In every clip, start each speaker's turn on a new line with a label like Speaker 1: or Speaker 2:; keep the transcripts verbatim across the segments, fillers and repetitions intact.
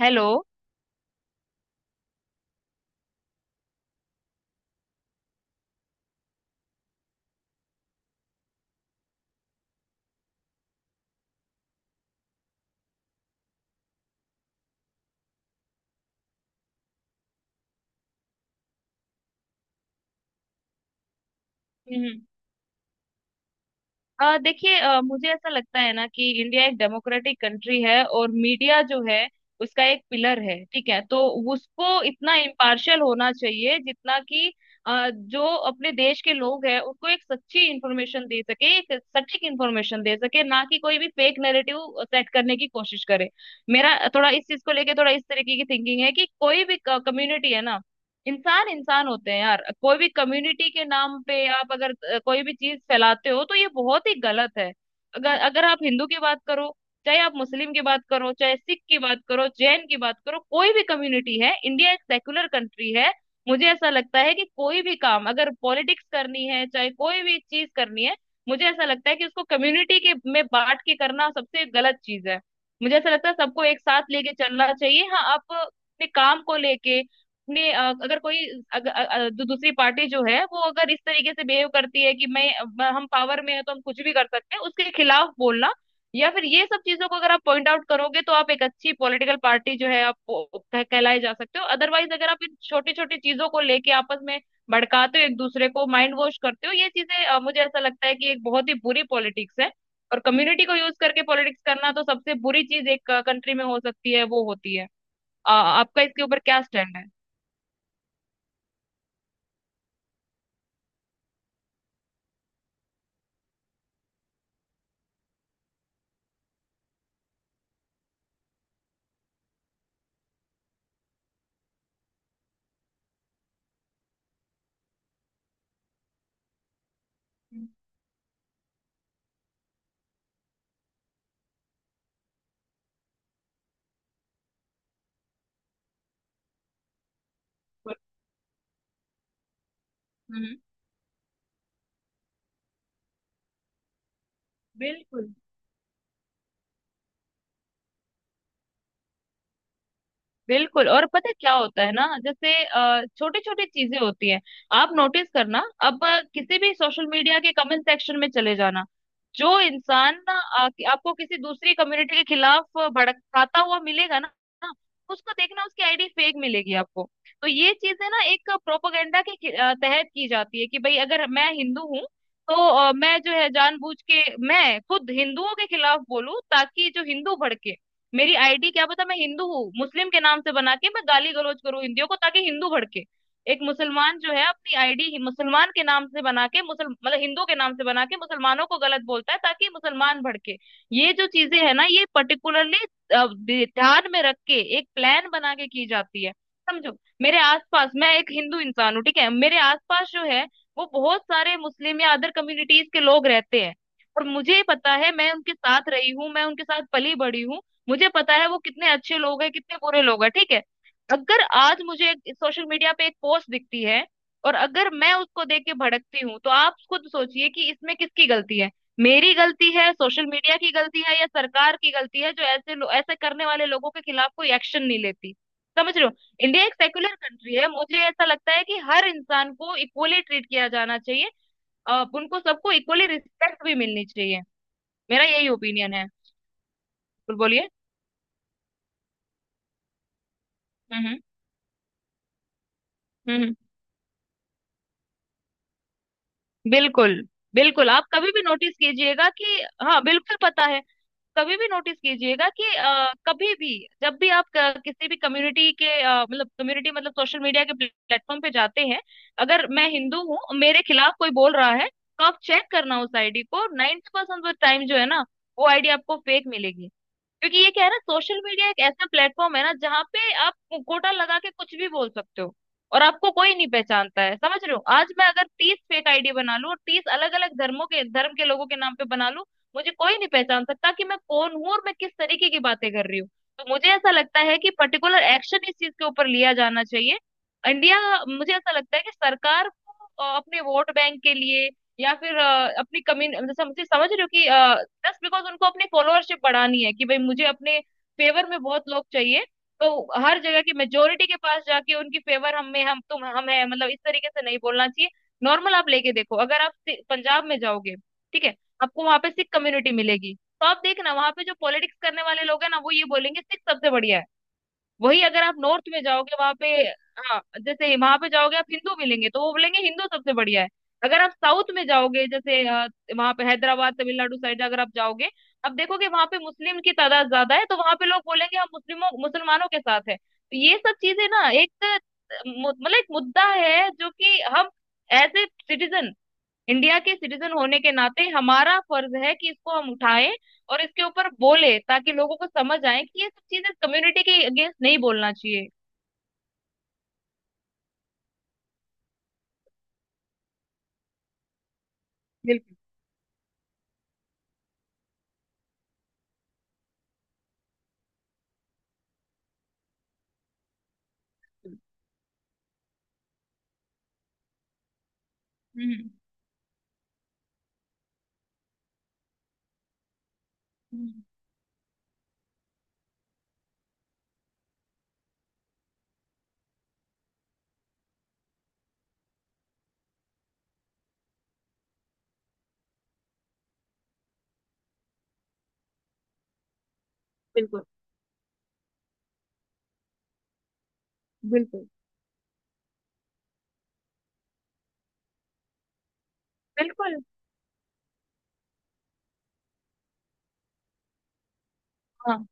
Speaker 1: Hello. हम्म। अ, देखिए अ, मुझे ऐसा लगता है ना कि इंडिया एक डेमोक्रेटिक कंट्री है और मीडिया जो है उसका एक पिलर है। ठीक है, तो उसको इतना इम्पार्शियल होना चाहिए जितना कि अ, जो अपने देश के लोग हैं उनको एक सच्ची इंफॉर्मेशन दे सके, एक सटीक इंफॉर्मेशन दे सके, ना कि कोई भी फेक नैरेटिव सेट करने की कोशिश करे। मेरा थोड़ा इस चीज को लेके थोड़ा इस तरीके की थिंकिंग है कि कोई भी कम्युनिटी है ना, इंसान इंसान होते हैं यार। कोई भी कम्युनिटी के नाम पे आप अगर अ, कोई भी चीज फैलाते हो तो ये बहुत ही गलत है। अगर अगर आप हिंदू की बात करो, चाहे आप मुस्लिम की बात करो, चाहे सिख की बात करो, जैन की बात करो, कोई भी कम्युनिटी है, इंडिया एक सेकुलर कंट्री है। मुझे ऐसा लगता है कि कोई भी काम अगर पॉलिटिक्स करनी है, चाहे कोई भी चीज करनी है, मुझे ऐसा लगता है कि उसको कम्युनिटी के में बांट के करना सबसे गलत चीज है। मुझे ऐसा लगता है सबको एक साथ लेके चलना चाहिए। हाँ, आप अपने काम को लेके अपने अ, अगर कोई अगर, अ, अ, जो दूसरी पार्टी जो है वो अगर इस तरीके से बिहेव करती है कि मैं मैं- हम पावर में है तो हम कुछ भी कर सकते हैं, उसके खिलाफ बोलना या फिर ये सब चीजों को अगर आप पॉइंट आउट करोगे तो आप एक अच्छी पॉलिटिकल पार्टी जो है आप वो- कह, कहलाए जा सकते हो। अदरवाइज अगर आप इन छोटी छोटी चीजों को लेके आपस में भड़काते हो, एक दूसरे को माइंड वॉश करते हो, ये चीजें अ, मुझे ऐसा लगता है कि एक बहुत ही बुरी पॉलिटिक्स है। और कम्युनिटी को यूज करके पॉलिटिक्स करना तो सबसे बुरी चीज एक कंट्री में हो सकती है वो होती है। अ, आपका इसके ऊपर क्या स्टैंड है? हम्म, बिल्कुल। बिल्कुल, और पता है क्या होता है ना, जैसे छोटी छोटी चीजें होती हैं। आप नोटिस करना, अब अ, किसी भी सोशल मीडिया के कमेंट सेक्शन में चले जाना। जो इंसान ना आ, कि- आपको किसी दूसरी कम्युनिटी के खिलाफ अ, भड़काता हुआ मिलेगा ना। ना, उसको देखना, उसकी आईडी फेक मिलेगी आपको। तो ये चीजें ना एक प्रोपोगंडा के खि- अ, तहत की जाती है कि भाई अगर मैं हिंदू हूँ तो अ, मैं जो है जानबूझ के मैं खुद हिंदुओं के खिलाफ बोलूं ताकि जो हिंदू भड़के। मेरी आईडी क्या पता, मैं हिंदू हूँ, मुस्लिम के नाम से बना के मैं गाली गलौज करूँ हिंदियों को ताकि हिंदू भड़के। एक मुसलमान जो है अपनी आईडी मुसलमान के नाम से बना के, मुसल मतलब हिंदू के नाम से बना के मुसलमानों को गलत बोलता है ताकि मुसलमान भड़के। ये जो चीजें है ना, ये पर्टिकुलरली ध्यान में रख के एक प्लान बना के की जाती है। समझो, मेरे आसपास, मैं एक हिंदू इंसान हूँ ठीक है, मेरे आसपास जो है वो बहुत सारे मुस्लिम या अदर कम्युनिटीज के लोग रहते हैं। और मुझे पता है, मैं उनके साथ रही हूँ, मैं उनके साथ पली बड़ी हूँ। मुझे पता है वो कितने अच्छे लोग हैं, कितने बुरे लोग हैं, ठीक है। अगर आज मुझे सोशल मीडिया पे एक पोस्ट दिखती है और अगर मैं उसको देख के भड़कती हूँ तो आप खुद सोचिए कि इसमें किसकी गलती है। मेरी गलती है, सोशल मीडिया की गलती है, या सरकार की गलती है जो ऐसे लो, ऐसे करने वाले लोगों के खिलाफ कोई एक्शन नहीं लेती। समझ रहे हो? इंडिया एक सेक्युलर कंट्री है। मुझे ऐसा लगता है कि हर इंसान को इक्वली ट्रीट किया जाना चाहिए। अ, उनको सबको इक्वली रिस्पेक्ट भी मिलनी चाहिए। मेरा यही ओपिनियन है। बिल्कुल, बोलिए। हम्म, हम्म, हम्म, हम्म। बिल्कुल, बिल्कुल, आप कभी भी नोटिस कीजिएगा कि हाँ बिल्कुल पता है। कभी भी नोटिस कीजिएगा कि अ, कभी भी जब भी आप क- किसी भी कम्युनिटी के अ, मतलब कम्युनिटी मतलब सोशल मीडिया के प्लेटफॉर्म पे जाते हैं, अगर मैं हिंदू हूँ, मेरे खिलाफ कोई बोल रहा है, तो आप चेक करना उस आईडी को, नाइन्टी परसेंट टाइम जो है ना वो आईडी आपको फेक मिलेगी। क्योंकि ये क्या है ना, सोशल मीडिया एक ऐसा प्लेटफॉर्म है ना जहाँ पे आप मुखौटा लगा के कुछ भी बोल सकते हो और आपको कोई नहीं पहचानता है। समझ रहे हो? आज मैं अगर तीस फेक आईडी बना लूं और तीस अलग अलग धर्मों के धर्म के लोगों के नाम पे बना लूं, मुझे कोई नहीं पहचान सकता कि मैं कौन हूँ और मैं किस तरीके की बातें कर रही हूँ। तो मुझे ऐसा लगता है कि पर्टिकुलर एक्शन इस चीज के ऊपर लिया जाना चाहिए। इंडिया, मुझे ऐसा लगता है कि सरकार को अ, अपने वोट बैंक के लिए, या फिर अ, अपनी कम्युनिटी, जैसे मुझे समझ रहे हो कि जस्ट बिकॉज उनको अपनी फॉलोअरशिप बढ़ानी है कि भाई मुझे अपने फेवर में बहुत लोग चाहिए, तो हर जगह की मेजोरिटी के पास जाके उनकी फेवर हम में हम तुम हम है, मतलब इस तरीके से नहीं बोलना चाहिए। नॉर्मल आप लेके देखो, अगर आप सि- पंजाब में जाओगे, ठीक है, आपको वहां पे सिख कम्युनिटी मिलेगी, तो आप देखना वहां पे जो पॉलिटिक्स करने वाले लोग हैं ना वो ये बोलेंगे सिख सबसे बढ़िया है। वही अगर आप नॉर्थ में जाओगे वहां पे, हाँ, जैसे वहां पे जाओगे आप हिंदू मिलेंगे, तो वो बोलेंगे हिंदू सबसे बढ़िया है। अगर आप साउथ में जाओगे, जैसे वहां पे हैदराबाद, तमिलनाडु साइड अगर आप जाओगे, आप देखोगे वहां पे मुस्लिम की तादाद ज्यादा है, तो वहां पे लोग बोलेंगे हम मुस्लिमों मुसलमानों के साथ है। तो ये सब चीजें ना एक अ, मु- मतलब एक मुद्दा है जो कि हम एज ए सिटीजन, इंडिया के सिटीजन होने के नाते हमारा फर्ज है कि इसको हम उठाएं और इसके ऊपर बोले ताकि लोगों को समझ आए कि ये सब चीजें कम्युनिटी के अगेंस्ट नहीं बोलना चाहिए। बिल्कुल, बिल्कुल। हम्म, हम्म, बिल्कुल, बिल्कुल, बिल्कुल। हाँ,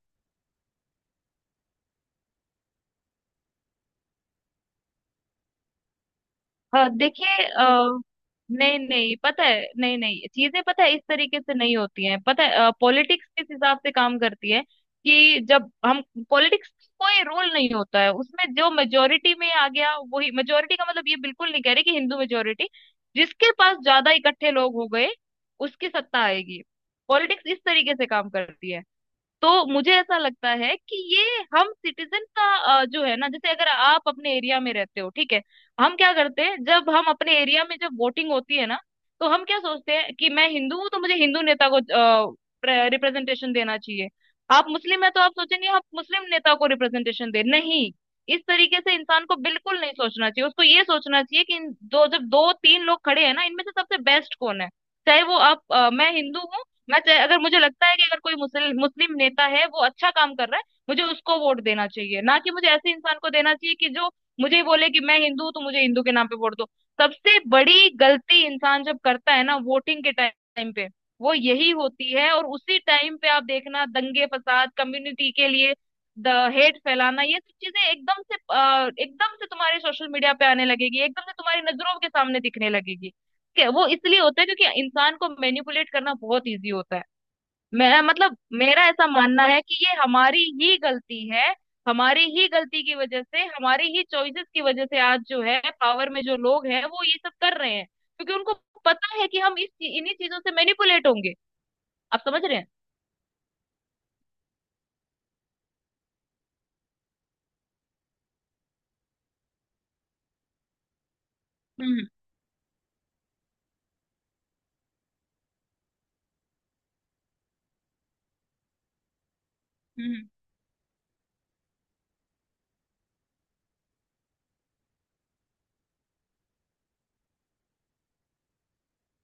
Speaker 1: अ, देखिए, अ, नहीं नहीं पता है, नहीं नहीं चीजें, पता है इस तरीके से नहीं होती हैं। पता है पॉलिटिक्स किस हिसाब से काम करती है कि जब हम, पॉलिटिक्स, कोई रोल नहीं होता है उसमें, जो मेजोरिटी में आ गया वही। मेजोरिटी का मतलब ये बिल्कुल नहीं कह रही कि हिंदू मेजोरिटी, जिसके पास ज्यादा इकट्ठे लोग हो गए उसकी सत्ता आएगी। पॉलिटिक्स इस तरीके से काम करती है। तो मुझे ऐसा लगता है कि ये हम सिटीजन का अ, जो है ना, जैसे अगर आप अपने एरिया में रहते हो, ठीक है, हम क्या करते हैं जब हम अपने एरिया में जब वोटिंग होती है ना, तो हम क्या सोचते हैं कि मैं हिंदू हूँ तो मुझे हिंदू नेता को रिप्रेजेंटेशन देना चाहिए। आप मुस्लिम है तो आप सोचेंगे आप मुस्लिम नेता को रिप्रेजेंटेशन दे। नहीं, इस तरीके से इंसान को बिल्कुल नहीं सोचना चाहिए, उसको ये सोचना चाहिए कि इन दो जब दो तीन लोग खड़े हैं ना इनमें से सबसे बेस्ट कौन है। चाहे वो, आप, अ, मैं हिंदू हूँ, मैं चाहे- अगर मुझे लगता है कि अगर कोई मुस्लिम मुस्लिम नेता है वो अच्छा काम कर रहा है, मुझे उसको वोट देना चाहिए, ना कि मुझे ऐसे इंसान को देना चाहिए कि जो मुझे ही बोले कि मैं हिंदू हूं तो मुझे हिंदू के नाम पे वोट दो। सबसे बड़ी गलती इंसान जब करता है ना वोटिंग के टाइम पे वो यही होती है। और उसी टाइम पे आप देखना दंगे फसाद, कम्युनिटी के लिए द हेट फैलाना, ये सब चीजें एकदम से अ, एकदम से तुम्हारे सोशल मीडिया पे आने लगेगी, एकदम से तुम्हारी नजरों के सामने दिखने लगेगी है। वो इसलिए होता है क्योंकि इंसान को मैनिपुलेट करना बहुत इजी होता है। मैं मतलब मेरा ऐसा मानना है कि ये हमारी ही गलती है। हमारी ही गलती की वजह से, हमारी ही चॉइसेस की वजह से आज जो है पावर में जो लोग हैं वो ये सब कर रहे हैं, क्योंकि उनको पता है कि हम इस इन्हीं चीजों से मैनिपुलेट होंगे। आप समझ रहे हैं? हम्म, हम्म,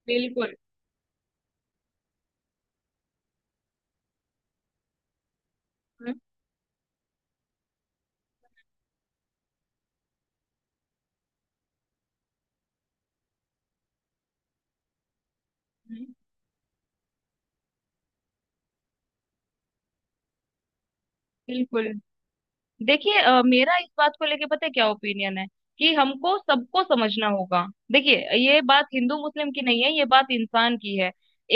Speaker 1: बिल्कुल। हम्म, हम्म, बिल्कुल। देखिए अ, मेरा इस बात को लेके पता है क्या ओपिनियन है, कि हमको सबको समझना होगा। देखिए ये बात हिंदू मुस्लिम की नहीं है, ये बात इंसान की है।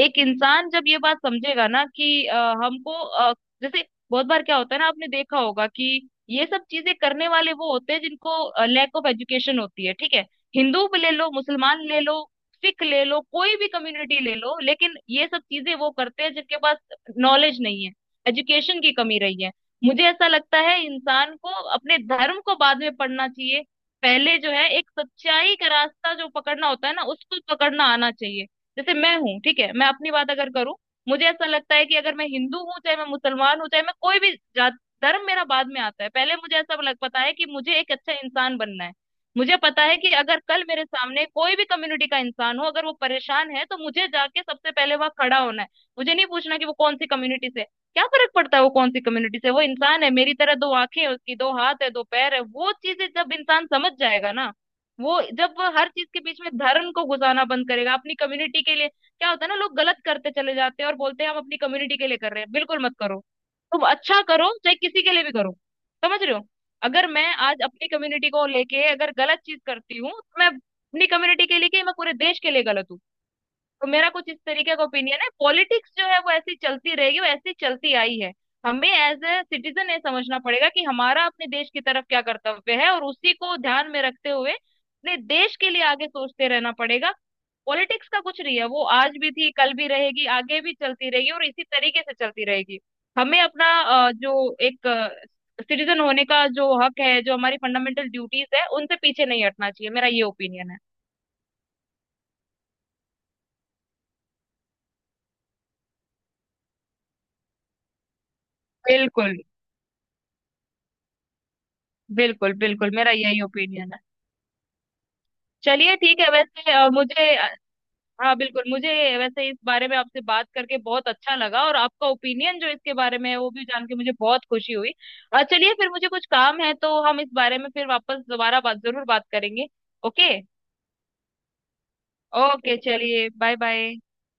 Speaker 1: एक इंसान जब ये बात समझेगा ना कि अ, हमको अ, जैसे, बहुत बार क्या होता है ना आपने देखा होगा कि ये सब चीजें करने वाले वो होते हैं जिनको लैक ऑफ एजुकेशन होती है, ठीक है। हिंदू भी ले लो, मुसलमान ले लो, सिख ले लो, कोई भी कम्युनिटी ले लो, लेकिन ये सब चीजें वो करते हैं जिनके पास नॉलेज नहीं है, एजुकेशन की कमी रही है। मुझे ऐसा लगता है इंसान को अपने धर्म को बाद में पढ़ना चाहिए, पहले जो है एक सच्चाई का रास्ता जो पकड़ना होता है ना उसको पकड़ना आना चाहिए। जैसे मैं हूँ, ठीक है, मैं अपनी बात अगर करूँ, मुझे ऐसा लगता है कि अगर मैं हिंदू हूँ, चाहे मैं मुसलमान हूँ, चाहे मैं कोई भी जात, धर्म मेरा बाद में आता है, पहले मुझे ऐसा लग पता है कि मुझे एक अच्छा इंसान बनना है। मुझे पता है कि अगर कल मेरे सामने कोई भी कम्युनिटी का इंसान हो, अगर वो परेशान है तो मुझे जाके सबसे पहले वहां खड़ा होना है, मुझे नहीं पूछना कि वो कौन सी कम्युनिटी से है। क्या फर्क पड़ता है वो कौन सी कम्युनिटी से, वो इंसान है मेरी तरह, दो आंखें हैं उसकी, दो हाथ है, दो पैर है। वो चीजें जब इंसान समझ जाएगा ना, वो जब वो हर चीज के बीच में धर्म को घुसाना बंद करेगा। अपनी कम्युनिटी के लिए, क्या होता है ना, लोग गलत करते चले जाते हैं और बोलते हैं हम अपनी कम्युनिटी के लिए कर रहे हैं, बिल्कुल मत करो। तुम अच्छा करो, चाहे किसी के लिए भी करो। समझ रहे हो? अगर मैं आज अपनी कम्युनिटी को लेके अगर गलत चीज करती हूँ तो मैं अपनी कम्युनिटी के लिए क्या, मैं पूरे देश के लिए गलत हूँ। तो मेरा कुछ इस तरीके का ओपिनियन है। पॉलिटिक्स जो है वो ऐसी चलती रहेगी, वो ऐसी चलती आई है। हमें एज ए सिटीजन ये समझना पड़ेगा कि हमारा अपने देश की तरफ क्या कर्तव्य है और उसी को ध्यान में रखते हुए अपने देश के लिए आगे सोचते रहना पड़ेगा। पॉलिटिक्स का कुछ नहीं है, वो आज भी थी, कल भी रहेगी, आगे भी चलती रहेगी और इसी तरीके से चलती रहेगी। हमें अपना अ, जो एक सिटीजन होने का जो हक है, जो हमारी फंडामेंटल ड्यूटीज है, उनसे पीछे नहीं हटना चाहिए। मेरा ये ओपिनियन है। बिल्कुल, बिल्कुल, बिल्कुल, मेरा यही ओपिनियन है। चलिए ठीक है, वैसे अ, मुझे, हाँ बिल्कुल मुझे, वैसे इस बारे में आपसे बात करके बहुत अच्छा लगा, और आपका ओपिनियन जो इसके बारे में है वो भी जान के मुझे बहुत खुशी हुई। अ, चलिए फिर, मुझे कुछ काम है तो हम इस बारे में फिर वापस दोबारा बात जरूर बात करेंगे। ओके। ओके चलिए, बाय बाय।